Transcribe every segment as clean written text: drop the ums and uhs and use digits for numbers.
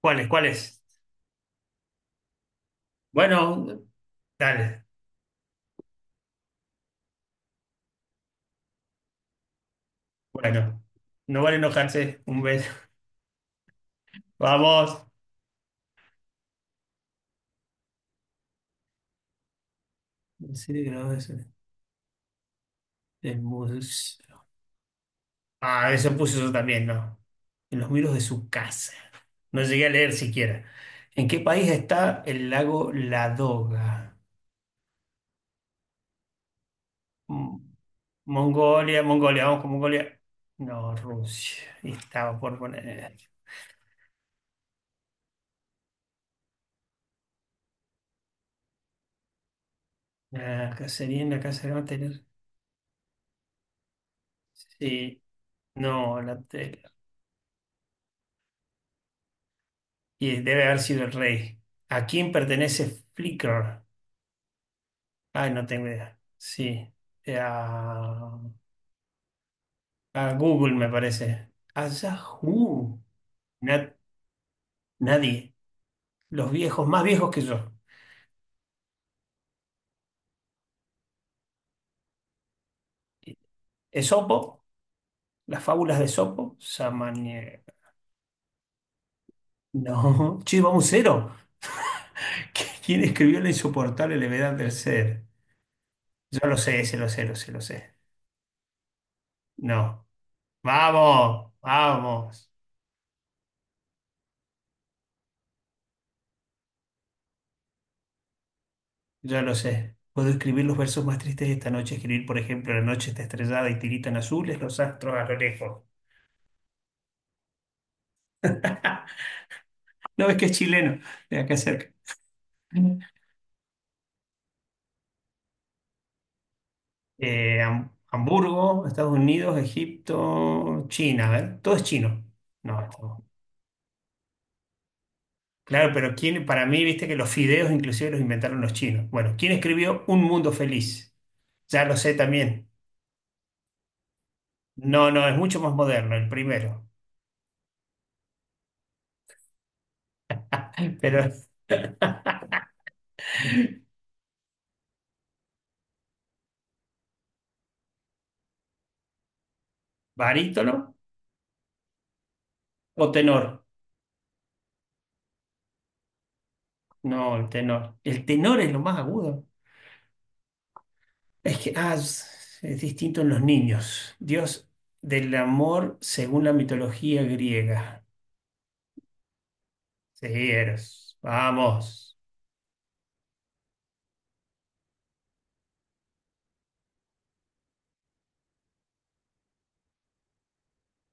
¿Cuáles? ¿Cuáles? Bueno, dale. Bueno, no vale enojarse. Un beso. Vamos. Sí, no, eso. el mus- Ah, eso puso eso también, ¿no? En los muros de su casa. No llegué a leer siquiera. ¿En qué país está el lago Ladoga? Mm, Mongolia, Mongolia, vamos con Mongolia. No, Rusia. Estaba por poner. La cacería en la casa de la materia. Sí, no, la. Y debe haber sido el rey. ¿A quién pertenece Flickr? Ay, no tengo idea. Sí. Eh, A, a Google, me parece. A Yahoo. Na- nadie. Los viejos, más viejos que yo. Esopo, las fábulas de Esopo. Samaniego. No. Che, vamos cero. ¿Quién escribió La insoportable levedad del ser? Yo lo sé, se lo sé, lo sé, lo sé. No. Vamos, vamos. Ya lo sé. Puedo escribir los versos más tristes de esta noche, escribir, por ejemplo, la noche está estrellada y tiritan azules los astros a lo lejos. No ves que es chileno, de acá cerca. Mm. Hamburgo, Estados Unidos, Egipto, China, a ver, todo es chino. No, esto- claro, pero quién, para mí, viste que los fideos inclusive los inventaron los chinos. Bueno, ¿quién escribió Un Mundo Feliz? Ya lo sé también. No, no, es mucho más moderno, el primero. Pero barítono o tenor. No, el tenor. El tenor es lo más agudo. Es que es distinto en los niños. Dios del amor según la mitología griega. Sí, Eros. Vamos.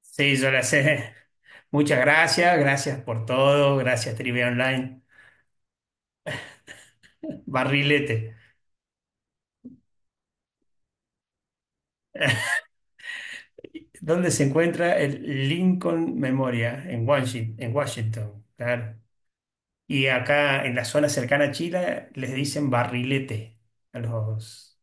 Sí, yo la sé. Muchas gracias. Gracias por todo. Gracias, Trivia Online. Barrilete. ¿Dónde se encuentra el Lincoln Memorial? En Washington, claro. Y acá en la zona cercana a Chile les dicen barrilete a los.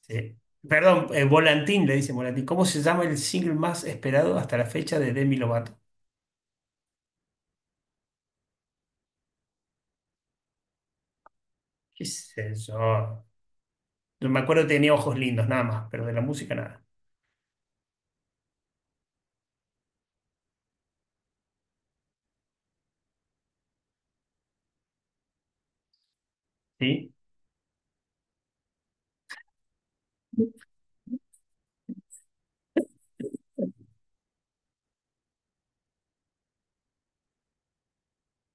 Sí. Perdón, Volantín, le dicen Volantín. ¿Cómo se llama el single más esperado hasta la fecha de Demi Lovato? ¿Qué es eso? Yo me acuerdo que tenía ojos lindos, nada más, pero de la música nada. ¿Sí?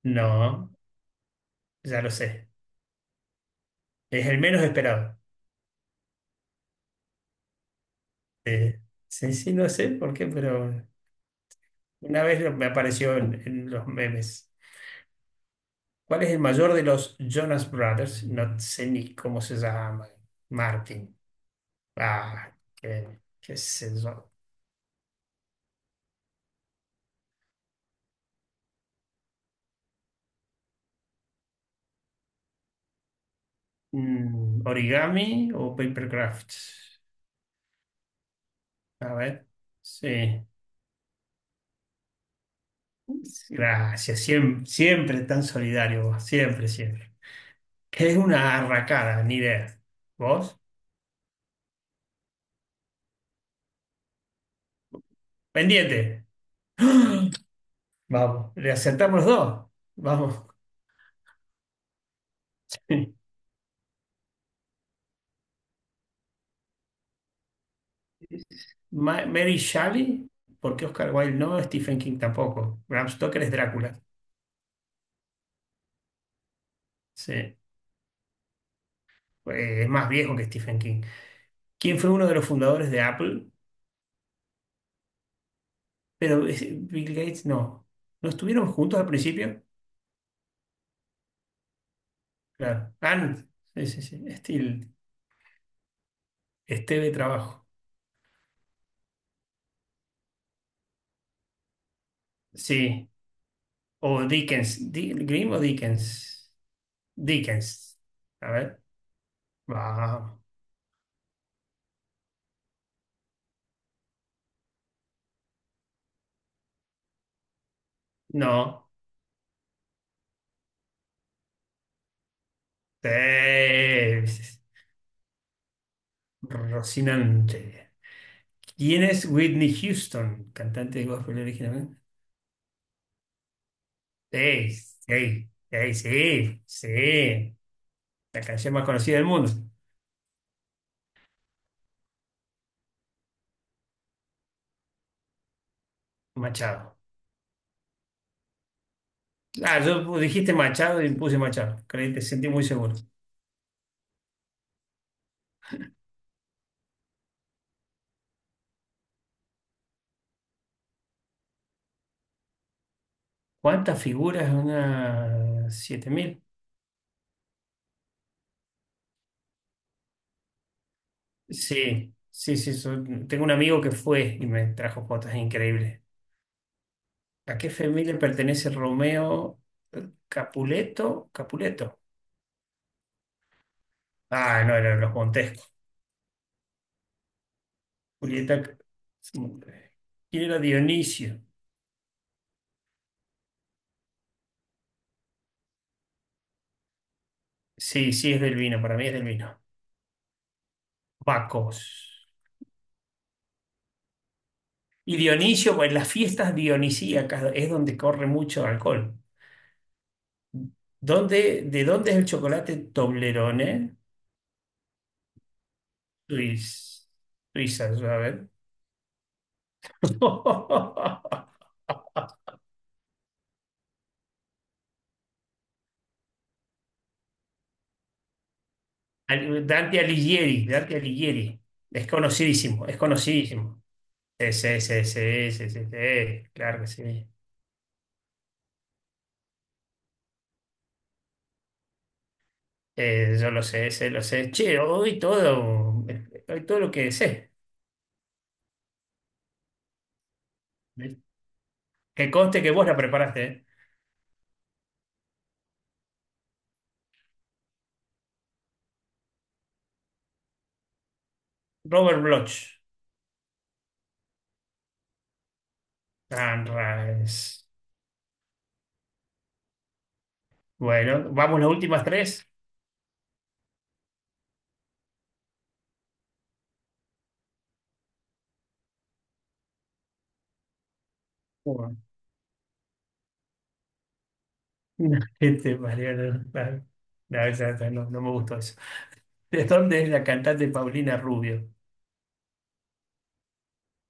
No, ya lo sé. Es el menos esperado. Sí, sí, sí, no sé por qué, pero una vez me apareció en los memes. ¿Cuál es el mayor de los Jonas Brothers? No sé ni cómo se llama. Martin. Ah, qué, qué sé yo. Mm, origami o papercraft. A ver. Sí. Gracias. Siempre, siempre tan solidario vos. Siempre, siempre. Que es una arracada, ni idea. ¿Vos? Pendiente. Vamos. Le acertamos los dos. Vamos. Mary Shelley. Porque Oscar Wilde no. Stephen King tampoco. Bram Stoker es Drácula. Sí. Es más viejo que Stephen King. ¿Quién fue uno de los fundadores de Apple? Bill Gates no. ¿No estuvieron juntos al principio? Claro. Ah, no, sí, sí, sí. Esteve Trabajo. Sí. O Dickens. ¿Grimm o Dickens? Dickens. A ver. Vamos. No. Sí. Rocinante. ¿Quién es Whitney Houston? Cantante de gospel originalmente. Sí, sí, sí, sí, sí. La canción más conocida del mundo. Machado. Ah, yo dijiste Machado y puse Machado. Creí, te sentí muy seguro. ¿Cuántas figuras? Unas 7000. Sí, sí, sí. Tengo un amigo que fue y me trajo fotos increíbles. ¿A qué familia pertenece Romeo Capuleto? Capuleto. Ah, no, eran los Montesco. Julieta. ¿Quién era Dionisio? Sí, sí, es del vino, para mí es del vino. Bacos. Y Dionisio, pues las fiestas dionisíacas es donde corre mucho alcohol. ¿Dónde, de dónde es el chocolate Toblerone? Suiz- Suiza, a ver. Dante Alighieri, Dante Alighieri. Es conocidísimo, es conocidísimo. Sí, sí, sí, sí, sí, sí, sí, claro que sí. Yo lo sé, sé, lo sé. Che, hoy todo lo que sé. Que conste que vos la preparaste, ¿eh? Robert Bloch. Sunrise. Bueno, vamos las últimas tres. No, Este, Mariano, no, no, ya está, no me gustó eso. ¿De dónde es la cantante Paulina Rubio?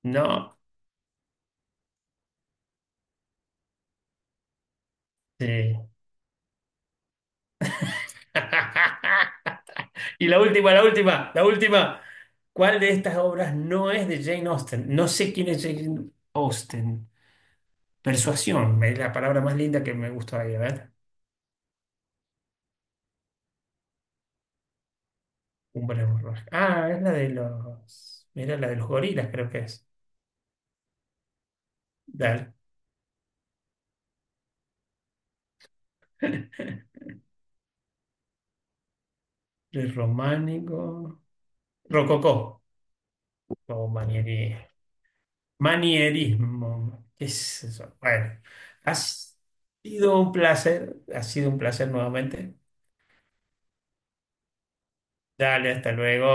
No, sí. Y la última, la última, la última. ¿Cuál de estas obras no es de Jane Austen? No sé quién es Jane Austen. Persuasión, es la palabra más linda que me gustó ahí, a ver. Un buen amor. Ah, es la de los. Mira, la de los gorilas, creo que es. Dale. El románico. Rococó. Oh, maniería. Manierismo. ¿Qué es eso? Bueno, ha sido un placer, ha sido un placer nuevamente. Dale, hasta luego.